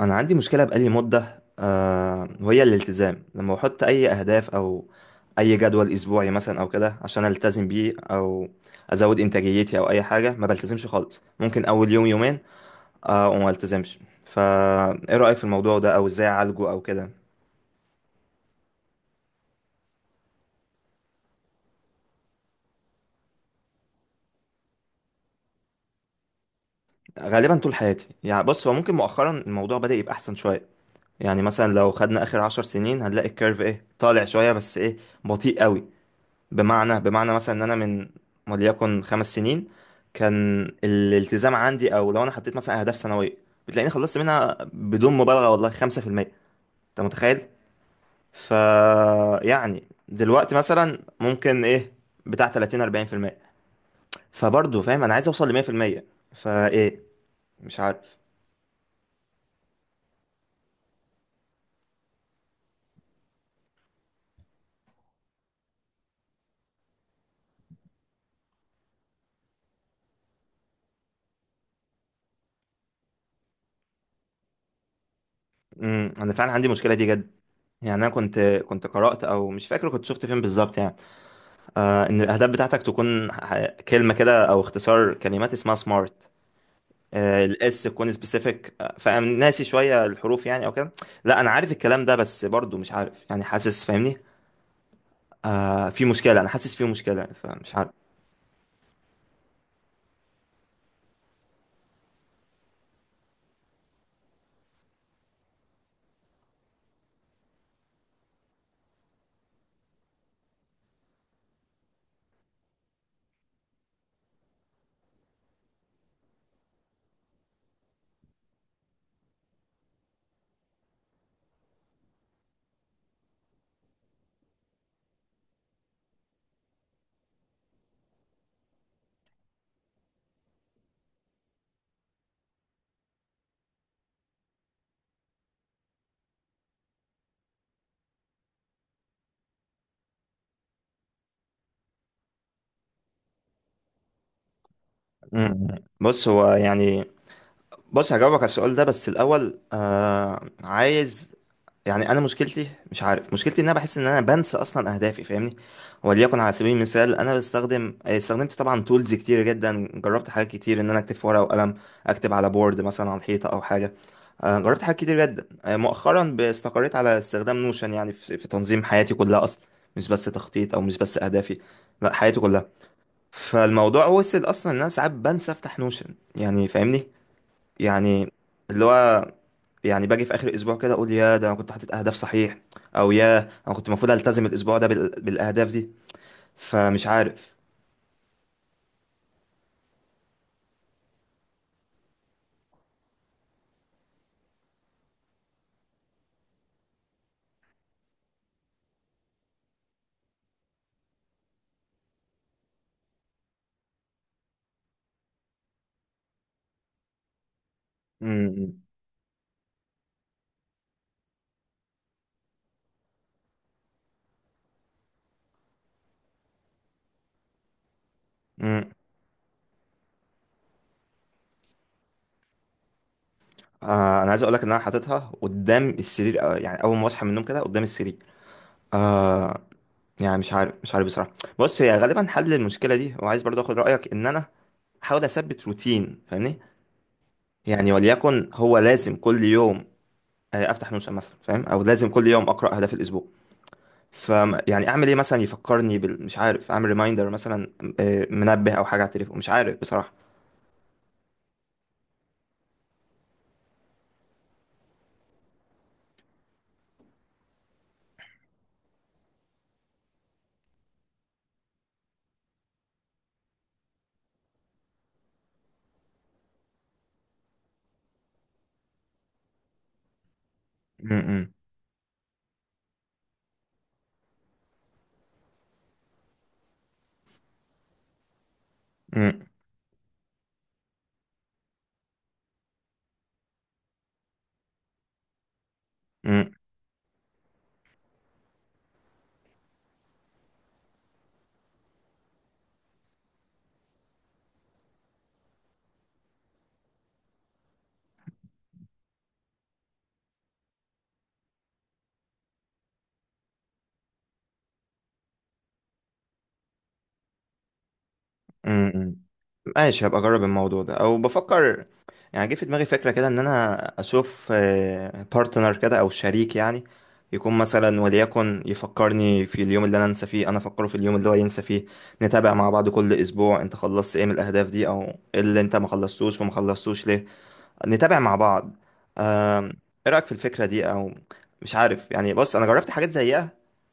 انا عندي مشكله بقالي مده وهي الالتزام. لما بحط اي اهداف او اي جدول اسبوعي مثلا او كده عشان التزم بيه او ازود انتاجيتي او اي حاجه ما بلتزمش خالص. ممكن اول يوم يومين وما التزمش. فا ايه رايك في الموضوع ده او ازاي اعالجه او كده؟ غالبا طول حياتي. يعني بص، هو ممكن مؤخرا الموضوع بدأ يبقى احسن شويه. يعني مثلا لو خدنا اخر 10 سنين هنلاقي الكيرف ايه، طالع شويه بس ايه، بطيء قوي. بمعنى مثلا ان انا من وليكن 5 سنين كان الالتزام عندي، او لو انا حطيت مثلا اهداف سنويه بتلاقيني خلصت منها بدون مبالغه والله 5%. انت متخيل؟ ف يعني دلوقتي مثلا ممكن ايه، بتاع 30 40%. فبرضه فاهم انا عايز اوصل ل 100%. فايه، مش عارف. انا فعلا عندي المشكله دي جد. يعني انا كنت قرات، او مش فاكر كنت شفت فين بالظبط. يعني ان الاهداف بتاعتك تكون كلمه كده او اختصار كلمات اسمها سمارت. الاس تكون سبيسيفيك، فانا ناسي شويه الحروف يعني او كده. لا، انا عارف الكلام ده، بس برضو مش عارف يعني، حاسس، فاهمني؟ في مشكله. انا حاسس في مشكله، فمش عارف. مم. بص هو يعني، بص هجاوبك على السؤال ده بس الاول. عايز يعني، انا مشكلتي، مش عارف مشكلتي. ان انا بحس ان انا بنسى اصلا اهدافي، فاهمني؟ وليكن على سبيل المثال انا بستخدم، استخدمت طبعا تولز كتير جدا. جربت حاجات كتير، ان انا اكتب في ورقه وقلم، اكتب على بورد مثلا على الحيطه او حاجه. جربت حاجات كتير جدا. مؤخرا استقريت على استخدام نوشن يعني في تنظيم حياتي كلها اصلا. مش بس تخطيط او مش بس اهدافي، لا، حياتي كلها. فالموضوع وصل اصلا ان انا ساعات بنسى افتح نوشن يعني، فاهمني؟ يعني اللي هو، يعني باجي في اخر الاسبوع كده اقول يا ده انا كنت حاطط اهداف صحيح، او يا انا كنت المفروض التزم الاسبوع ده بالاهداف دي. فمش عارف. امم. امم. انا عايز اقول لك ان انا حاططها قدام السرير. يعني اول ما اصحى من النوم كده قدام السرير. آه. يعني مش عارف، مش عارف بصراحه. بص، هي غالبا حل المشكله دي. وعايز برضو اخد رايك، ان انا احاول اثبت روتين، فاهمني؟ يعني وليكن هو لازم كل يوم افتح نوشن مثلا، فاهم؟ او لازم كل يوم اقرا اهداف الاسبوع. ف يعني اعمل ايه مثلا يفكرني مش عارف. اعمل ريمايندر مثلا، منبه او حاجه على التليفون، مش عارف بصراحه. م- م- م- م- م. ماشي، هبقى اجرب الموضوع ده. او بفكر، يعني جه في دماغي فكره كده، ان انا اشوف بارتنر كده او شريك يعني، يكون مثلا وليكن يفكرني في اليوم اللي انا انسى فيه، انا افكره في اليوم اللي هو ينسى فيه. نتابع مع بعض كل اسبوع انت خلصت ايه من الاهداف دي، او إيه اللي انت ما خلصتوش وما خلصتوش ليه. نتابع مع بعض. آم، ايه رأيك في الفكرة دي او مش عارف يعني؟ بص، انا جربت حاجات زيها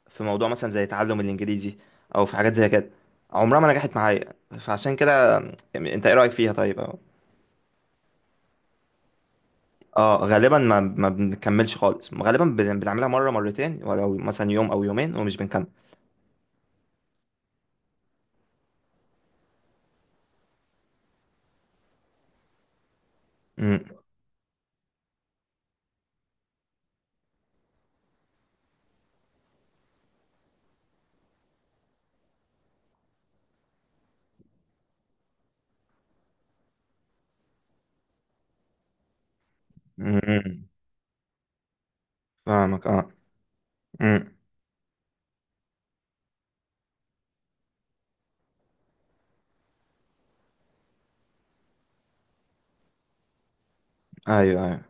في موضوع مثلا زي تعلم الانجليزي او في حاجات زي كده، عمرها ما نجحت معايا. فعشان كده، يعني انت ايه رأيك فيها طيب أو. اه، غالبا ما بنكملش خالص. غالبا بنعملها مرة مرتين، ولو مثلا يوم او يومين ومش بنكمل. امم. امم. فاهمك، اه. امم. ايوه، ايوه.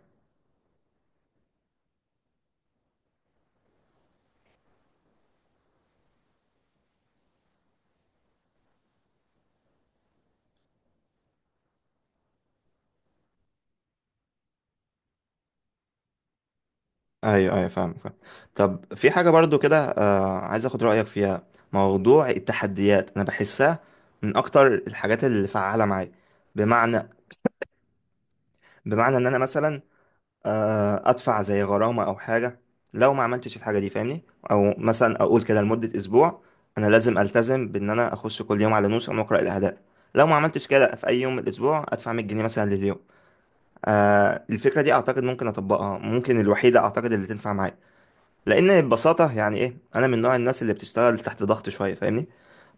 ايوه، ايوه، فاهم، فاهم. طب في حاجه برضو كده، عايز اخد رايك فيها. موضوع التحديات انا بحسها من اكتر الحاجات اللي فعاله معايا. بمعنى، ان انا مثلا ادفع زي غرامه او حاجه لو ما عملتش الحاجه دي، فاهمني؟ او مثلا اقول كده لمده اسبوع، انا لازم التزم بان انا اخش كل يوم على نوشن واقرا الاهداف. لو ما عملتش كده في اي يوم من الاسبوع ادفع 100 جنيه مثلا لليوم. الفكره دي اعتقد ممكن اطبقها. ممكن الوحيده اعتقد اللي تنفع معايا، لان ببساطه يعني ايه، انا من نوع الناس اللي بتشتغل تحت ضغط شويه، فاهمني؟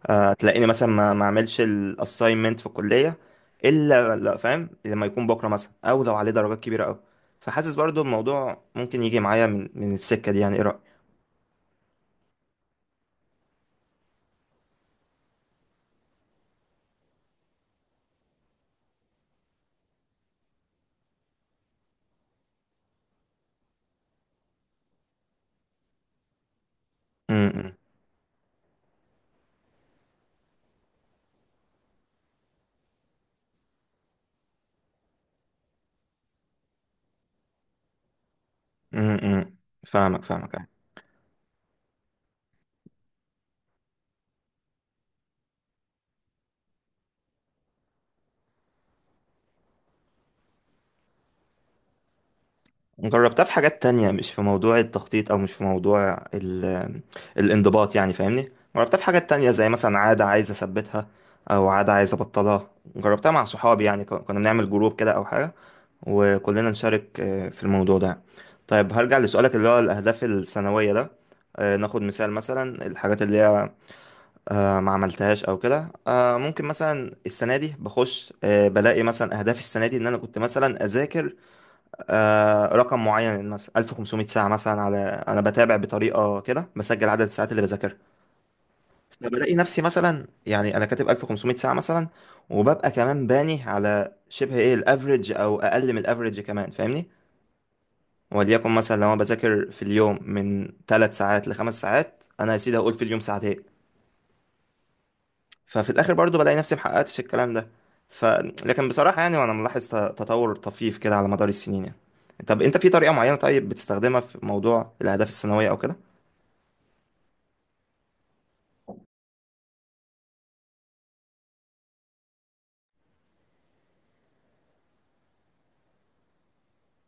تلاقيني مثلا ما اعملش الاساينمنت في الكليه الا، لا فاهم، لما يكون بكره مثلا او لو عليه درجات كبيره قوي. فحاسس برضو الموضوع ممكن يجي معايا من السكه دي، يعني ايه رايك؟ امم. امم. فاهمك، فاهمك. جربتها في حاجات تانية، مش في موضوع التخطيط أو مش في موضوع الانضباط يعني، فاهمني؟ جربتها في حاجات تانية زي مثلا عادة عايز أثبتها أو عادة عايز أبطلها. جربتها مع صحابي، يعني كنا بنعمل جروب كده أو حاجة، وكلنا نشارك في الموضوع ده. طيب هرجع لسؤالك اللي هو الأهداف السنوية ده. ناخد مثال مثلا الحاجات اللي هي ما عملتهاش أو كده. ممكن مثلا السنة دي بخش بلاقي مثلا أهدافي السنة دي إن أنا كنت مثلا أذاكر رقم معين مثلا 1500 ساعة مثلا على. أنا بتابع بطريقة كده، بسجل عدد الساعات اللي بذاكرها. فبلاقي نفسي مثلا يعني أنا كاتب 1500 ساعة مثلا، وببقى كمان باني على شبه إيه الأفريج أو أقل من الأفريج كمان، فاهمني؟ وليكن مثلا لو أنا بذاكر في اليوم من 3 ساعات لخمس ساعات، أنا يا سيدي هقول في اليوم ساعتين. ففي الاخر برضو بلاقي نفسي محققتش الكلام ده. ف لكن بصراحه يعني، وانا ملاحظ تطور طفيف كده على مدار السنين يعني. طب انت في طريقه معينه طيب بتستخدمها في موضوع الاهداف السنويه او كده؟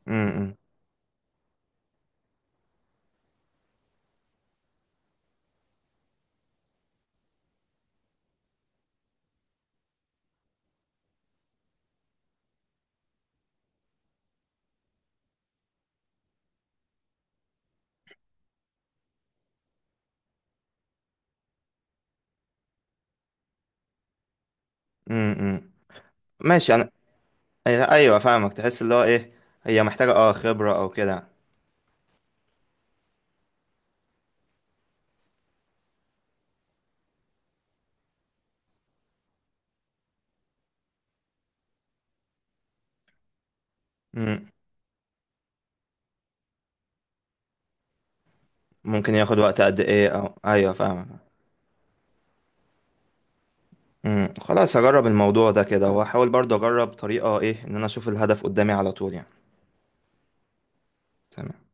امم. امم. ماشي. انا، ايوه فاهمك. تحس اللي هو ايه، هي محتاجه اه خبره او كده. امم. ممكن ياخد وقت قد ايه او، ايوه فاهمك. امم. خلاص هجرب الموضوع ده كده، واحاول برضو اجرب طريقه ايه ان انا اشوف الهدف قدامي على طول يعني. تمام.